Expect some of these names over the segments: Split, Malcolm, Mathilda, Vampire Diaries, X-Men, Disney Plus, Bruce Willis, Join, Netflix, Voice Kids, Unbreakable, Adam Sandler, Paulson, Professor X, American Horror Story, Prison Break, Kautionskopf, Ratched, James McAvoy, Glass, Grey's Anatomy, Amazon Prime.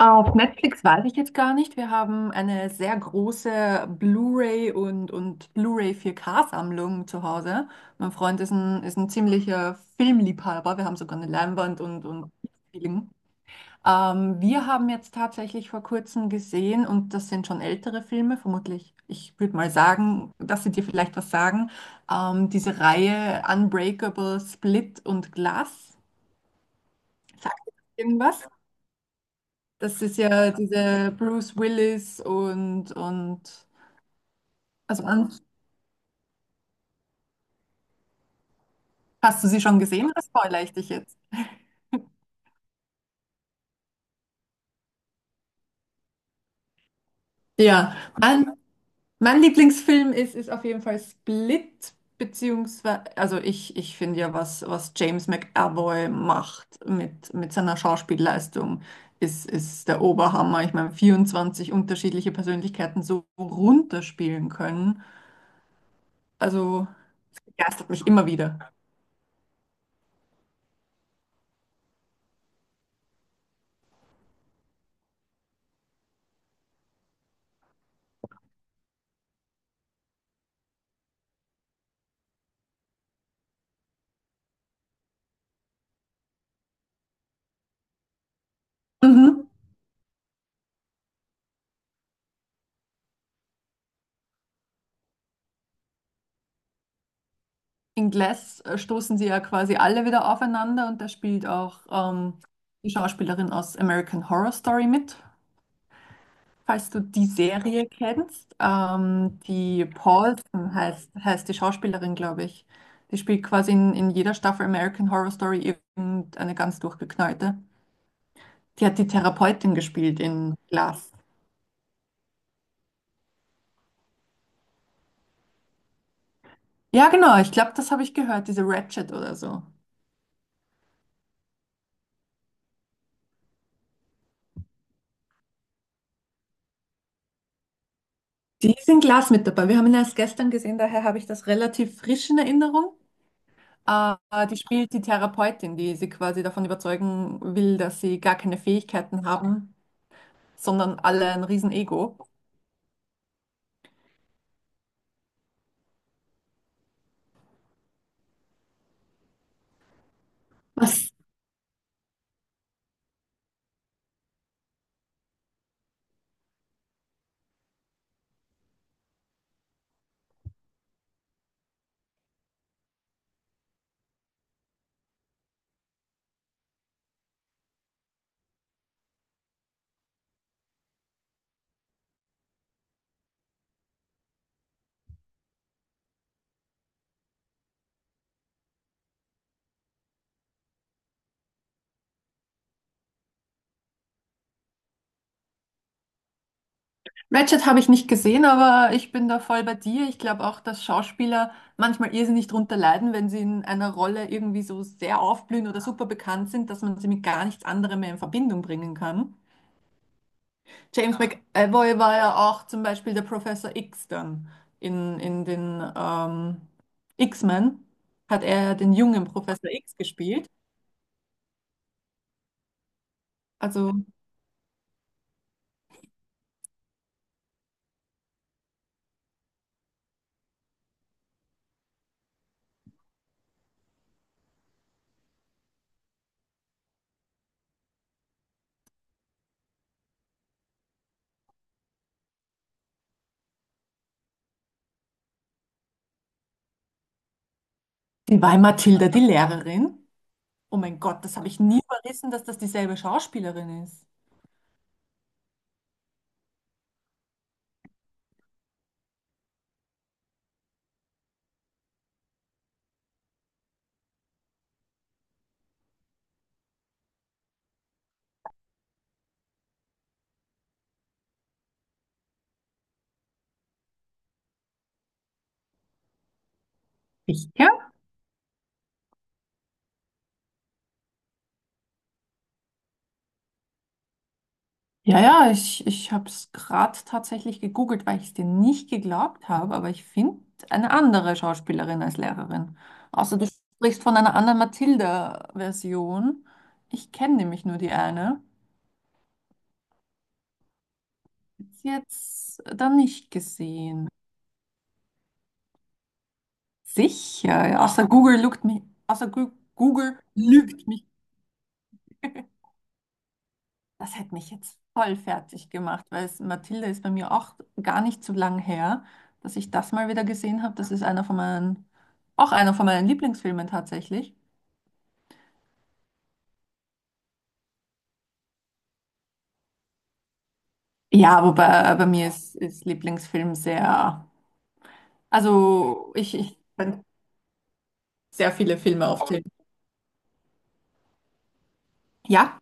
Auf Netflix weiß ich jetzt gar nicht. Wir haben eine sehr große Blu-ray und Blu-ray 4K-Sammlung zu Hause. Mein Freund ist ein ziemlicher Filmliebhaber. Wir haben sogar eine Leinwand und Film. Wir haben jetzt tatsächlich vor kurzem gesehen, und das sind schon ältere Filme, vermutlich, ich würde mal sagen, dass sie dir vielleicht was sagen, diese Reihe Unbreakable, Split und Glass. Sagt dir das irgendwas? Das ist ja diese Bruce Willis und also an, hast du sie schon gesehen oder spoilere ich dich jetzt? Ja, mein, mein Lieblingsfilm ist auf jeden Fall Split, beziehungsweise, also ich finde ja, was James McAvoy macht mit seiner Schauspielleistung, ist der Oberhammer. Ich meine, 24 unterschiedliche Persönlichkeiten so runterspielen können, also begeistert mich immer wieder. Mhm. In Glass stoßen sie ja quasi alle wieder aufeinander und da spielt auch die Schauspielerin aus American Horror Story mit, falls du die Serie kennst. Die Paulson heißt die Schauspielerin, glaube ich. Die spielt quasi in jeder Staffel American Horror Story irgendeine ganz durchgeknallte. Die hat die Therapeutin gespielt in Glass. Ja, genau, ich glaube, das habe ich gehört, diese Ratchet oder so. Die ist in Glass mit dabei. Wir haben ihn erst gestern gesehen, daher habe ich das relativ frisch in Erinnerung. Äh, Die spielt die Therapeutin, die sie quasi davon überzeugen will, dass sie gar keine Fähigkeiten haben, sondern alle ein Riesen-Ego. Was? Ratched habe ich nicht gesehen, aber ich bin da voll bei dir. Ich glaube auch, dass Schauspieler manchmal irrsinnig drunter leiden, wenn sie in einer Rolle irgendwie so sehr aufblühen oder super bekannt sind, dass man sie mit gar nichts anderem mehr in Verbindung bringen kann. James McAvoy war ja auch zum Beispiel der Professor X dann in den X-Men, hat er ja den jungen Professor X gespielt. Also die war Mathilda, die Lehrerin. Oh mein Gott, das habe ich nie verrissen, dass das dieselbe Schauspielerin ist. Sicher? Ja, ja, ich habe es gerade tatsächlich gegoogelt, weil ich es dir nicht geglaubt habe, aber ich finde eine andere Schauspielerin als Lehrerin. Außer du sprichst von einer anderen Mathilda-Version. Ich kenne nämlich nur die eine. Ist Jetzt dann nicht gesehen. Sicher, ja, außer Google lügt mich, außer Google lügt mich. Das hätte mich jetzt voll fertig gemacht, weil es, Mathilde ist bei mir auch gar nicht so lang her, dass ich das mal wieder gesehen habe. Das ist einer von meinen, auch einer von meinen Lieblingsfilmen tatsächlich. Ja, wobei bei mir ist Lieblingsfilm sehr, also ich kann sehr viele Filme aufzählen. Ja?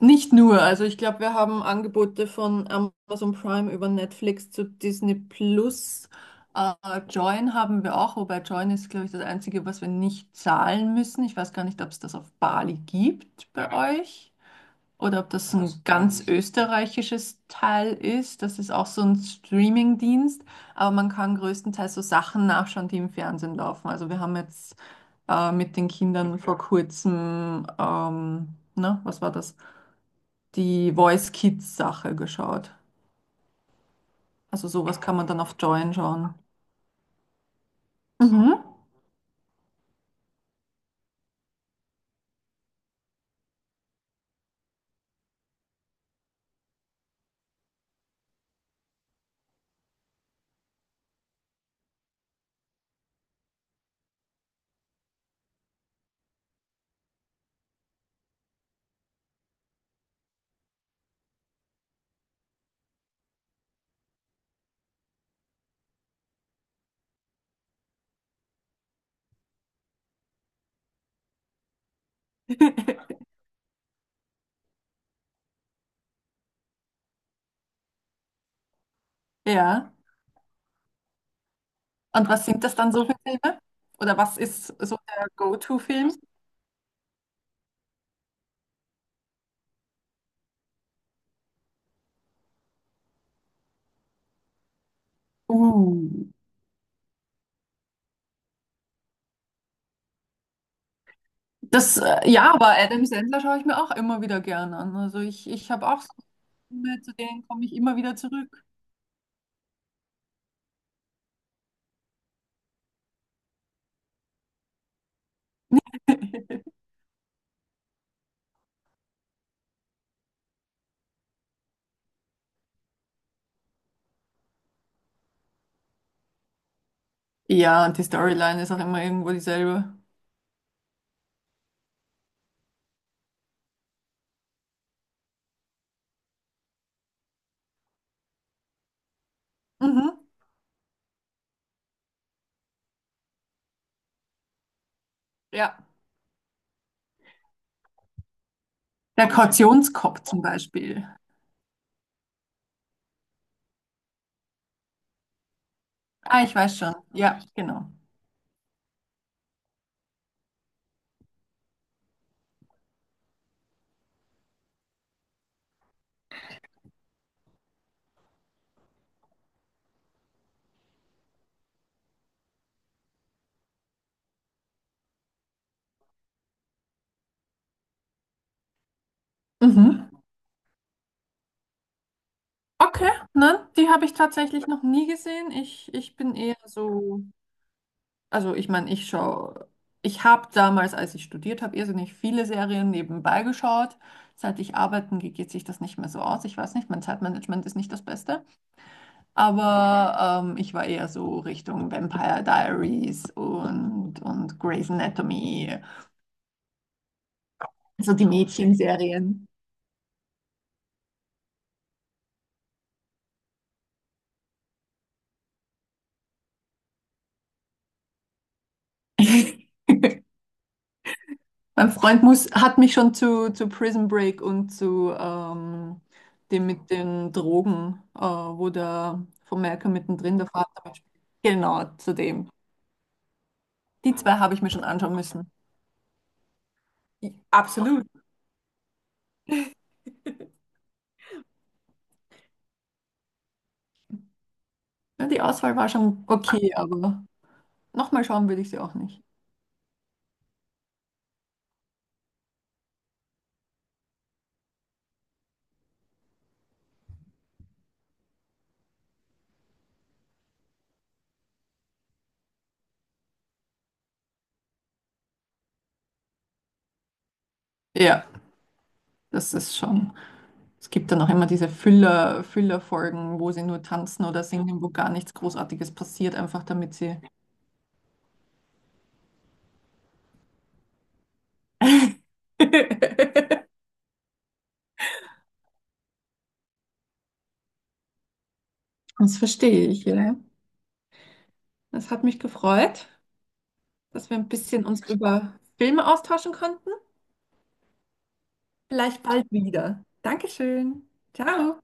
Nicht nur, also ich glaube, wir haben Angebote von Amazon Prime über Netflix zu Disney Plus. Äh, Join haben wir auch, wobei Join ist, glaube ich, das Einzige, was wir nicht zahlen müssen. Ich weiß gar nicht, ob es das auf Bali gibt bei euch oder ob das ein ganz österreichisches Teil ist. Das ist auch so ein Streaming-Dienst, aber man kann größtenteils so Sachen nachschauen, die im Fernsehen laufen. Also wir haben jetzt mit den Kindern Okay. vor kurzem, na, was war das? Die Voice Kids Sache geschaut. Also sowas kann man dann auf Join schauen. Mhm. Ja. Und was sind das dann so für Filme? Oder was ist so der Go-To-Film? Uh. Das, ja, aber Adam Sandler schaue ich mir auch immer wieder gern an. Also ich habe auch so Filme, zu denen komme ich immer wieder zurück. Ja, und die Storyline ist auch immer irgendwo dieselbe. Mhm. Ja. Der Kautionskopf zum Beispiel. Ah, ich weiß schon. Ja, genau. Mhm. Okay, ne? Die habe ich tatsächlich noch nie gesehen. Ich bin eher so, also ich meine, ich schaue, ich habe damals, als ich studiert habe, irrsinnig viele Serien nebenbei geschaut. Seit ich arbeiten gehe, geht sich das nicht mehr so aus. Ich weiß nicht, mein Zeitmanagement ist nicht das Beste. Aber ich war eher so Richtung Vampire Diaries und Grey's Anatomy, also die Mädchenserien. Mein Freund muss, hat mich schon zu Prison Break und zu dem mit den Drogen, wo der von Malcolm mittendrin der Vater mitspielt. Genau, zu dem. Die zwei habe ich mir schon anschauen müssen. I- Absolut. Ja, die Auswahl war schon okay, aber nochmal schauen würde ich sie auch nicht. Ja, das ist schon. Es gibt dann auch immer diese Füller, Füller-Folgen, wo sie nur tanzen oder singen, wo gar nichts Großartiges passiert, einfach damit sie. Das verstehe ich, ja. Das hat mich gefreut, dass wir ein bisschen uns über Filme austauschen konnten. Vielleicht bald wieder. Dankeschön. Ciao.